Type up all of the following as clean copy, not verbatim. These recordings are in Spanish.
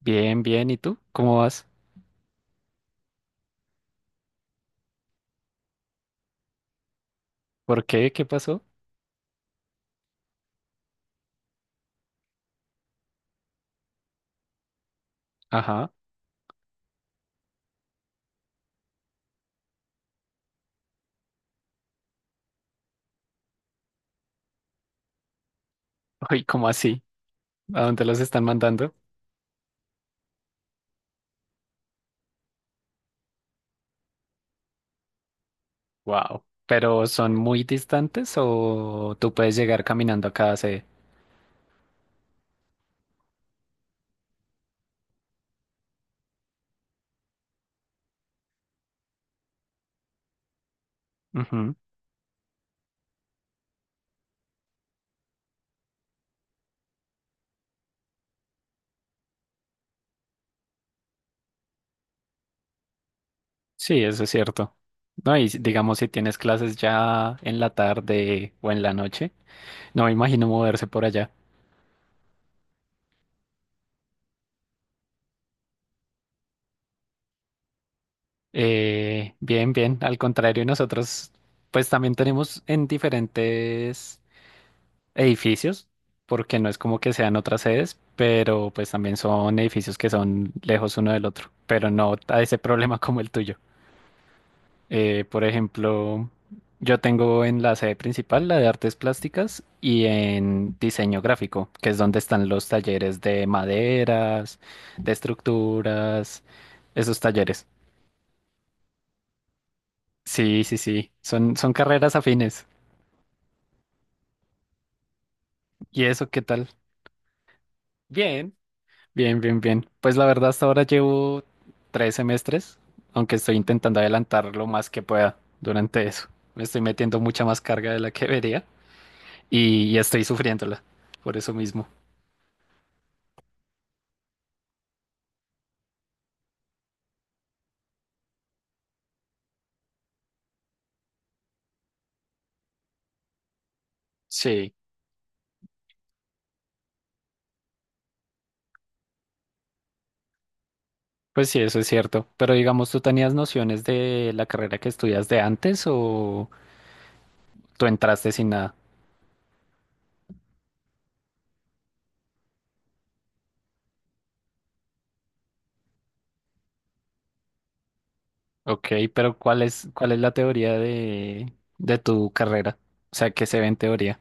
Bien, bien. ¿Y tú? ¿Cómo vas? ¿Por qué? ¿Qué pasó? Ajá. Uy, ¿cómo así? ¿A dónde los están mandando? Wow. ¿Pero son muy distantes o tú puedes llegar caminando a cada sede? Ujú. Sí, eso es cierto. No, y digamos si tienes clases ya en la tarde o en la noche, no me imagino moverse por allá. Bien, bien. Al contrario, nosotros pues también tenemos en diferentes edificios, porque no es como que sean otras sedes, pero pues también son edificios que son lejos uno del otro, pero no a ese problema como el tuyo. Por ejemplo, yo tengo en la sede principal la de artes plásticas y en diseño gráfico, que es donde están los talleres de maderas, de estructuras, esos talleres. Sí, sí, sí, son carreras afines. ¿Y eso qué tal? Bien. Bien, bien, bien. Pues la verdad hasta ahora llevo 3 semestres, aunque estoy intentando adelantar lo más que pueda durante eso. Me estoy metiendo mucha más carga de la que debería y estoy sufriéndola por eso mismo. Sí, pues sí, eso es cierto. Pero digamos, ¿tú tenías nociones de la carrera que estudias de antes o tú entraste sin nada? Ok, pero ¿cuál es la teoría de tu carrera? O sea, ¿qué se ve en teoría?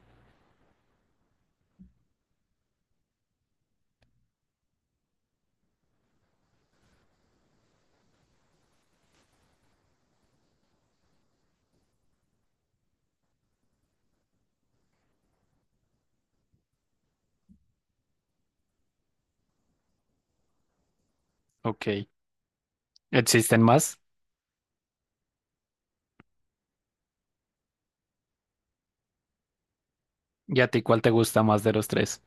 Ok. ¿Existen más? ¿Y a ti cuál te gusta más de los tres?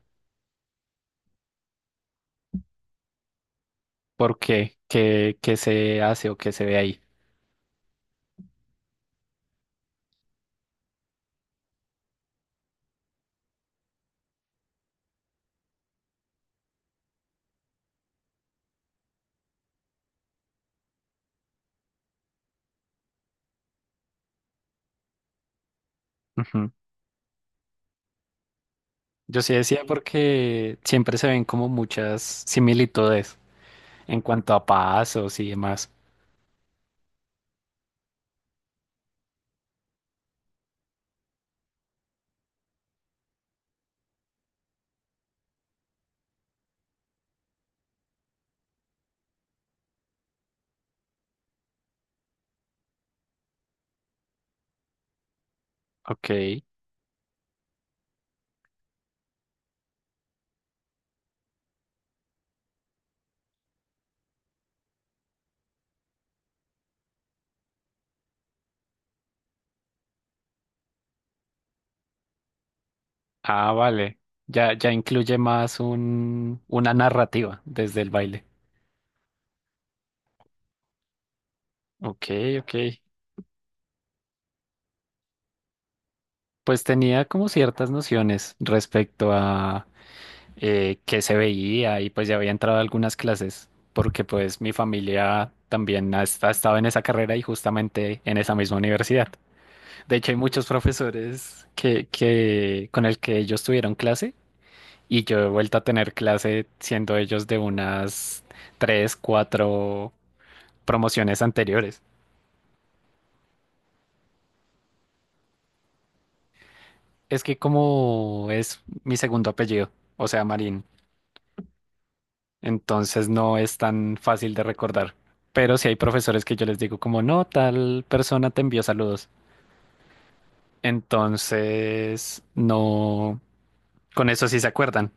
¿Por qué? ¿Qué, qué se hace o qué se ve ahí? Ujú. Yo sí decía porque siempre se ven como muchas similitudes en cuanto a pasos y demás. Ok. Ah, vale. Ya, ya incluye más un, una narrativa desde el baile. Ok, ok. Pues tenía como ciertas nociones respecto a qué se veía y pues ya había entrado a algunas clases porque pues mi familia también ha estado en esa carrera y justamente en esa misma universidad. De hecho, hay muchos profesores que con el que ellos tuvieron clase y yo he vuelto a tener clase siendo ellos de unas 3, 4 promociones anteriores. Es que como es mi segundo apellido, o sea, Marín, entonces no es tan fácil de recordar. Pero sí hay profesores que yo les digo como, no, tal persona te envió saludos. Entonces, no, con eso sí se acuerdan.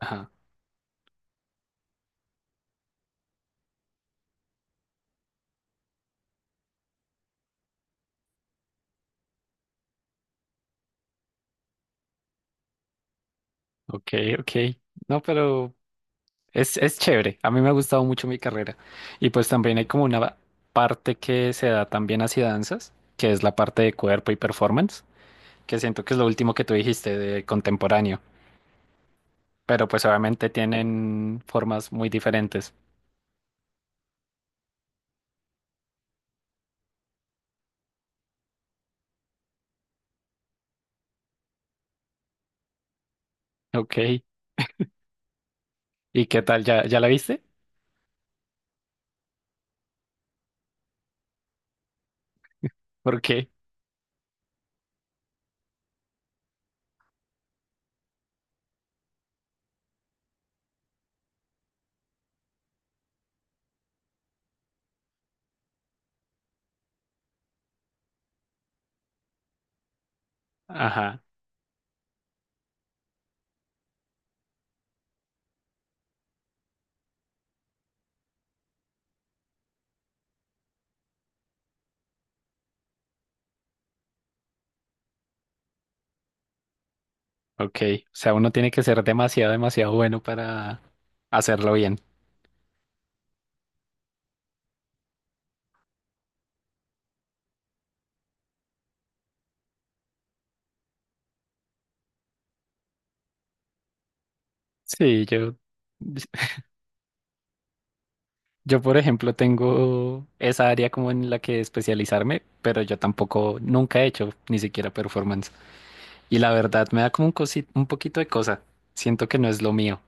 Ajá, ok, ok. No, pero es chévere, a mí me ha gustado mucho mi carrera. Y pues también hay como una parte que se da también hacia danzas, que es la parte de cuerpo y performance, que siento que es lo último que tú dijiste de contemporáneo, pero pues obviamente tienen formas muy diferentes. Ok, ¿y qué tal? ¿Ya, ya la viste? ¿Por qué? Ajá, ok. O sea, uno tiene que ser demasiado, demasiado bueno para hacerlo bien. Sí, yo, por ejemplo, tengo esa área como en la que especializarme, pero yo tampoco nunca he hecho ni siquiera performance. Y la verdad me da como un un poquito de cosa. Siento que no es lo mío.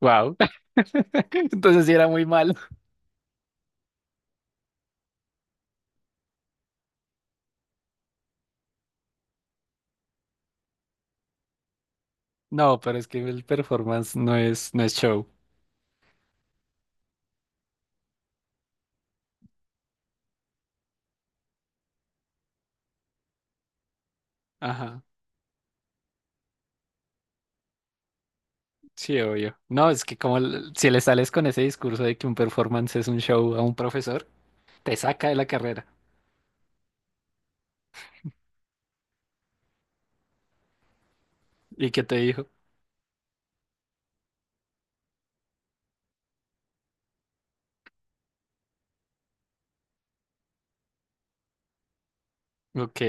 Wow. Entonces sí era muy malo. No, pero es que el performance no es show. Ajá. Sí, obvio. No, es que como si le sales con ese discurso de que un performance es un show a un profesor, te saca de la carrera. ¿Y qué te dijo? Ok,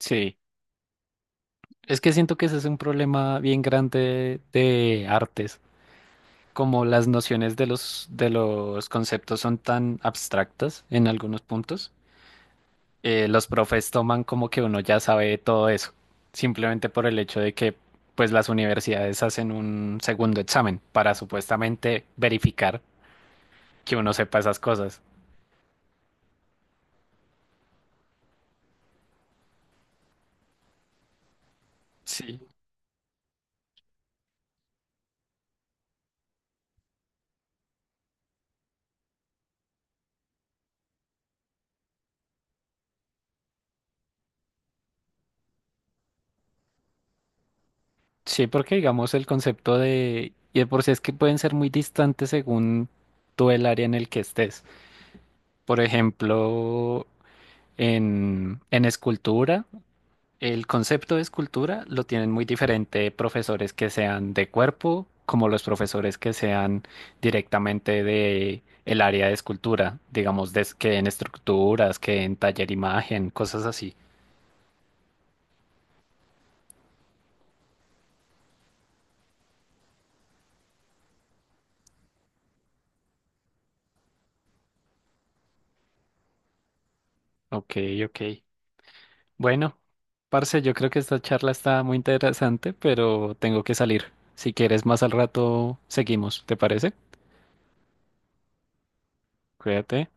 sí. Es que siento que ese es un problema bien grande de artes, como las nociones de de los conceptos son tan abstractas en algunos puntos, los profes toman como que uno ya sabe todo eso, simplemente por el hecho de que pues las universidades hacen un segundo examen para supuestamente verificar que uno sepa esas cosas. Sí. Sí, porque digamos el concepto de, y de por sí es que pueden ser muy distantes según tú el área en el que estés. Por ejemplo, en escultura, el concepto de escultura lo tienen muy diferente profesores que sean de cuerpo, como los profesores que sean directamente de el área de escultura, digamos, que en estructuras, que en taller imagen, cosas así. Ok, ok. Bueno, parce, yo creo que esta charla está muy interesante, pero tengo que salir. Si quieres, más al rato seguimos, ¿te parece? Cuídate.